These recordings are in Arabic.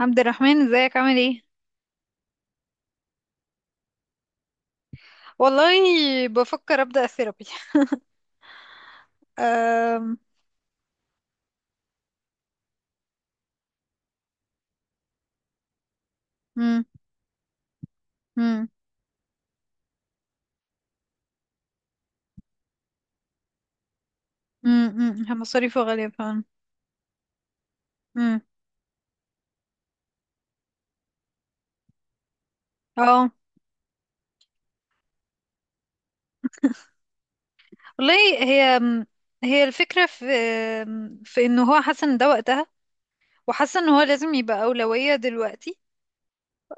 عبد الرحمن، ازيك؟ عامل ايه؟ والله، بفكر ابدا ثيرابي. أم... مم. مم. مم. مم. هي مصاريفه غاليه فعلا. مم. اه، والله، هي هي الفكره في انه هو حاسه ان ده وقتها، وحاسه ان هو لازم يبقى اولويه دلوقتي.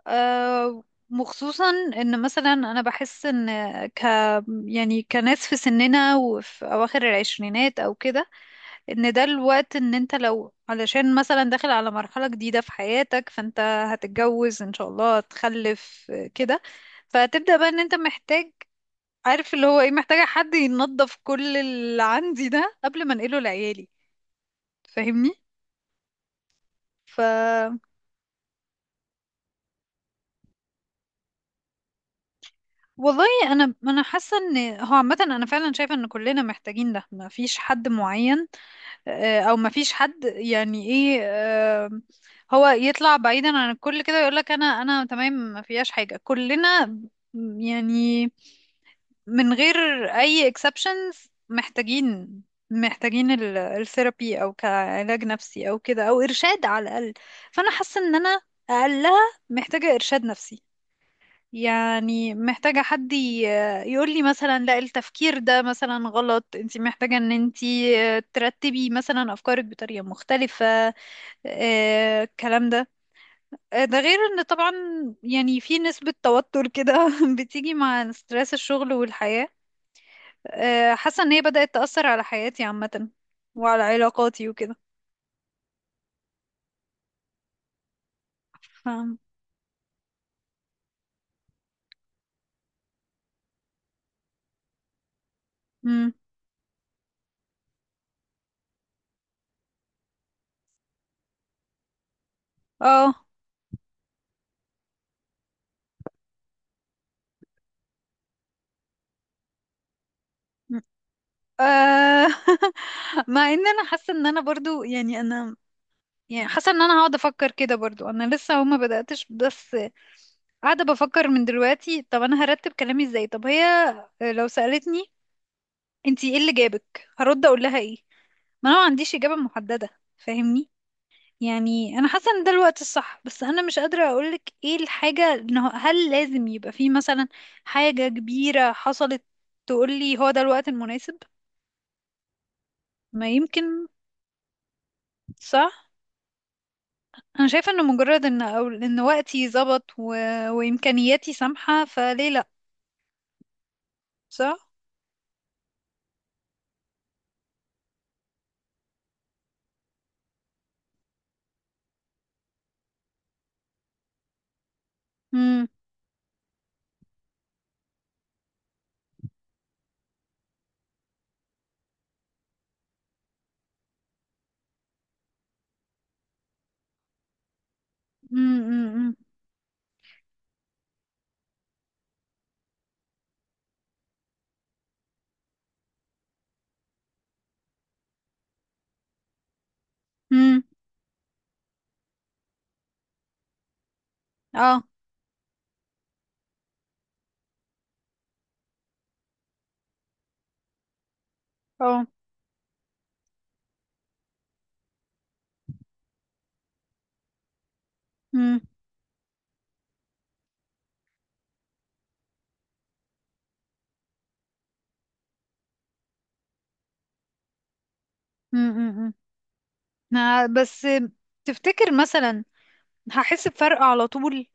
أه... وخصوصا ان مثلا انا بحس ان ك يعني كناس في سننا وفي اواخر العشرينات او كده، ان ده الوقت. ان انت لو علشان مثلا داخل على مرحلة جديدة في حياتك، فانت هتتجوز ان شاء الله، هتخلف، آه، كده. فتبدأ بقى ان انت محتاج، عارف اللي هو ايه، محتاجة حد ينظف كل اللي عندي ده قبل ما انقله لعيالي. فاهمني؟ ف والله، انا حاسه ان هو عامه انا فعلا شايفه ان كلنا محتاجين ده، ما فيش حد معين، آه، او ما فيش حد، يعني ايه، آه، هو يطلع بعيدا عن الكل كده ويقول لك انا تمام، ما فيهاش حاجة. كلنا يعني من غير اي exceptions محتاجين الثيرابي، او كعلاج نفسي او كده، او ارشاد على الاقل. فانا حاسة ان انا اقلها محتاجة ارشاد نفسي. يعني محتاجة حد يقول لي مثلا لا، التفكير ده مثلا غلط، انت محتاجة ان انت ترتبي مثلا أفكارك بطريقة مختلفة. آه، الكلام ده. آه، ده غير ان طبعا يعني في نسبة توتر كده بتيجي مع ستريس الشغل والحياة. آه، حاسة ان هي بدأت تأثر على حياتي عامة وعلى علاقاتي وكده. فاهم. مم. اه. آه. مع ان انا حاسة ان انا برضو، يعني انا، يعني حاسه ان انا هقعد افكر كده برضو. انا لسه هما بداتش، بس قاعده بفكر من دلوقتي. طب انا هرتب كلامي ازاي؟ طب هي لو سالتني انتي ايه اللي جابك، هرد اقول لها ايه؟ ما انا ما عنديش اجابه محدده. فاهمني؟ يعني انا حاسه ان ده الوقت الصح، بس انا مش قادره اقولك ايه الحاجه، انه هل لازم يبقى في مثلا حاجه كبيره حصلت تقولي هو ده الوقت المناسب؟ ما يمكن صعب. انا شايفه انه مجرد ان أو ان وقتي ظبط وامكانياتي سامحه، فليه لا؟ صح. امم. امم. امم. اه. اه. امم. امم. بس تفتكر مثلا هحس بفرق على طول،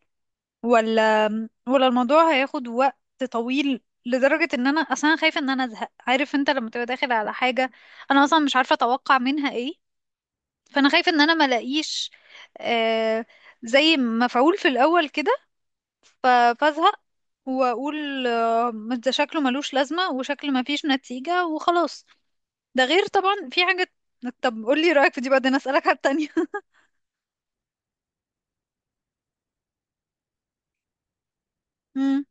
ولا ولا الموضوع هياخد وقت طويل لدرجة ان انا اصلا خايفة ان انا ازهق؟ عارف انت لما تبقى داخل على حاجة انا اصلا مش عارفة اتوقع منها ايه. فانا خايفة ان انا ما الاقيش آه زي مفعول في الاول كده، ف- فازهق واقول آه، ما ده شكله ملوش لازمة، وشكل ما فيش نتيجة، وخلاص. ده غير طبعا في حاجة. طب قولي رأيك في دي، بعدين أسألك على التانية. مم.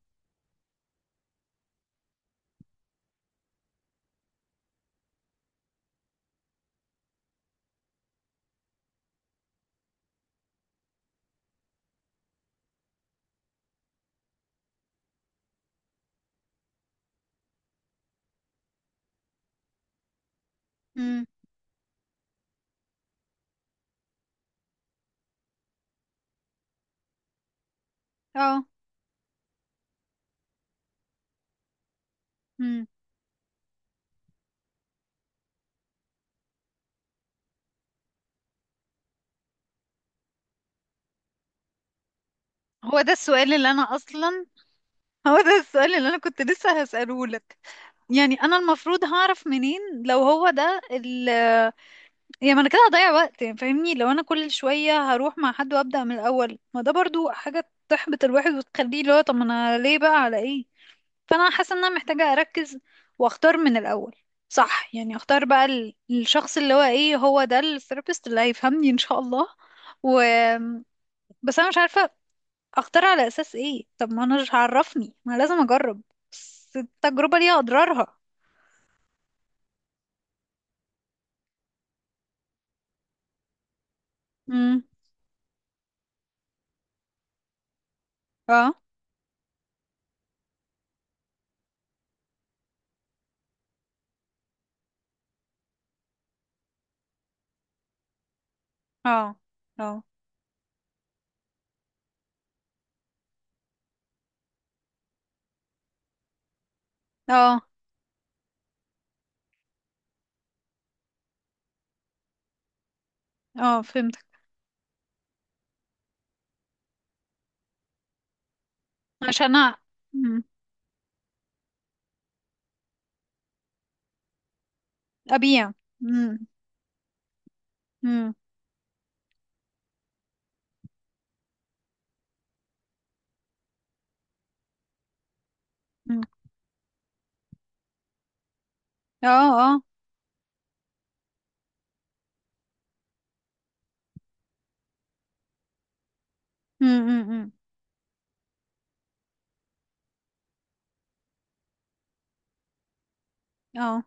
مم. اه. مم. هو ده السؤال اللي أنا أصلا هو ده السؤال اللي أنا كنت لسه هسأله لك. يعني أنا المفروض هعرف منين لو هو ده يعني ما أنا كده هضيع وقت، يعني فاهمني، لو أنا كل شوية هروح مع حد وأبدأ من الأول، ما ده برضو حاجة تحبط الواحد وتخليه اللي هو طب ما أنا ليه بقى على إيه؟ فانا حاسه ان انا محتاجه اركز واختار من الاول. صح؟ يعني اختار بقى الشخص اللي هو ايه، هو ده الثيرابيست اللي هيفهمني ان شاء الله. و بس انا مش عارفه اختار على اساس ايه؟ طب ما انا مش عرفني، ما أنا لازم اجرب، بس التجربه ليها اضرارها. امم. اه. اه. اه. اه. اه. فهمتك. عشان أ- مم. ابيع. امم. امم. اه. اه. امم. امم. اه.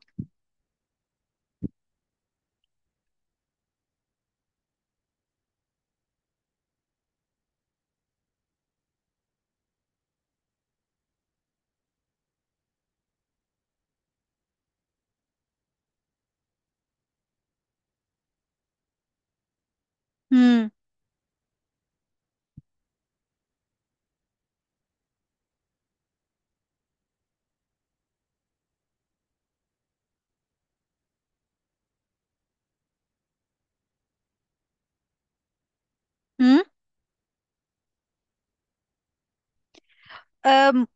امم.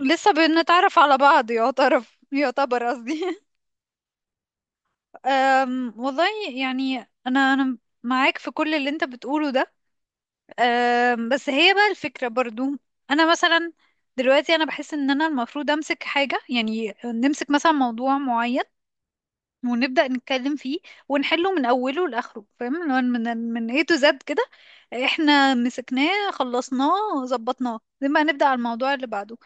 لسه بنتعرف على بعض، يعتبر قصدي والله، يعني انا معاك في كل اللي انت بتقوله ده. بس هي بقى الفكرة برضو، انا مثلا دلوقتي انا بحس ان انا المفروض امسك حاجة، يعني نمسك مثلا موضوع معين، ونبدأ نتكلم فيه ونحله من اوله لاخره. فاهم اللي هو من A to Z كده. احنا مسكناه، خلصناه، ظبطناه، زي ما هنبدأ على الموضوع اللي بعده.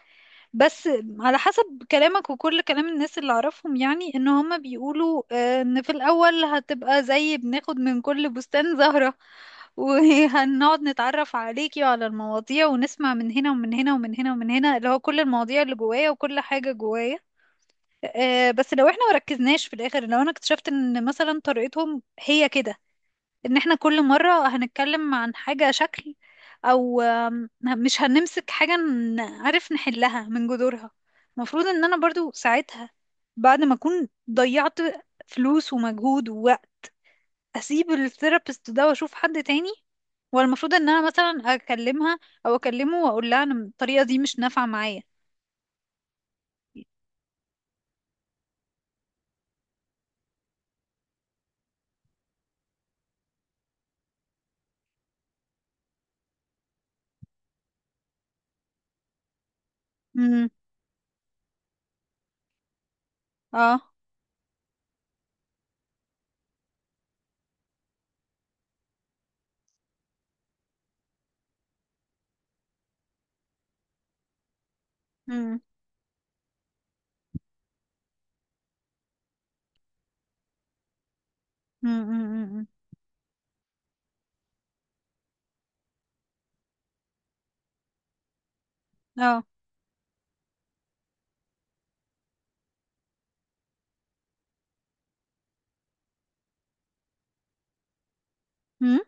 بس على حسب كلامك وكل كلام الناس اللي اعرفهم، يعني ان هما بيقولوا آه، ان في الاول هتبقى زي بناخد من كل بستان زهرة وهنقعد نتعرف عليكي وعلى المواضيع ونسمع من هنا ومن هنا ومن هنا ومن هنا، اللي هو كل المواضيع اللي جوايا وكل حاجة جوايا. آه، بس لو احنا مركزناش في الاخر، لو انا اكتشفت ان مثلا طريقتهم هي كده، ان احنا كل مرة هنتكلم عن حاجة شكل، او مش هنمسك حاجة نعرف نحلها من جذورها، المفروض ان انا برضو ساعتها بعد ما اكون ضيعت فلوس ومجهود، واسيب الثيرابيست ده واشوف حد تاني. ولا المفروض ان انا مثلا اكلمها او اكلمه واقول لها انا الطريقة دي مش نافعة معايا؟ امم. اه. امم. امم. اه. امم.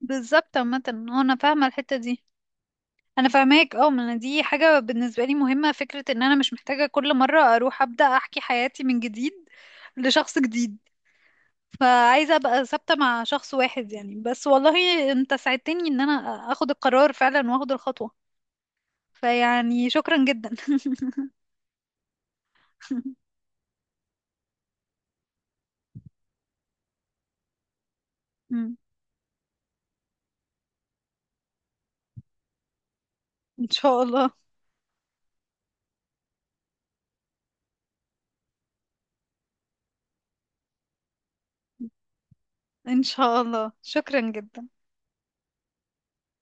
بالظبط. عامة هو انا فاهمة الحتة دي، انا فاهماك. اه، ما انا دي حاجه بالنسبه لي مهمه، فكره ان انا مش محتاجه كل مره اروح ابدا احكي حياتي من جديد لشخص جديد. فعايزه ابقى ثابته مع شخص واحد يعني. بس والله انت ساعدتني ان انا اخد القرار فعلا واخد الخطوه. فيعني شكرا جدا. ان شاء الله. ان شاء الله، شكرا جدا.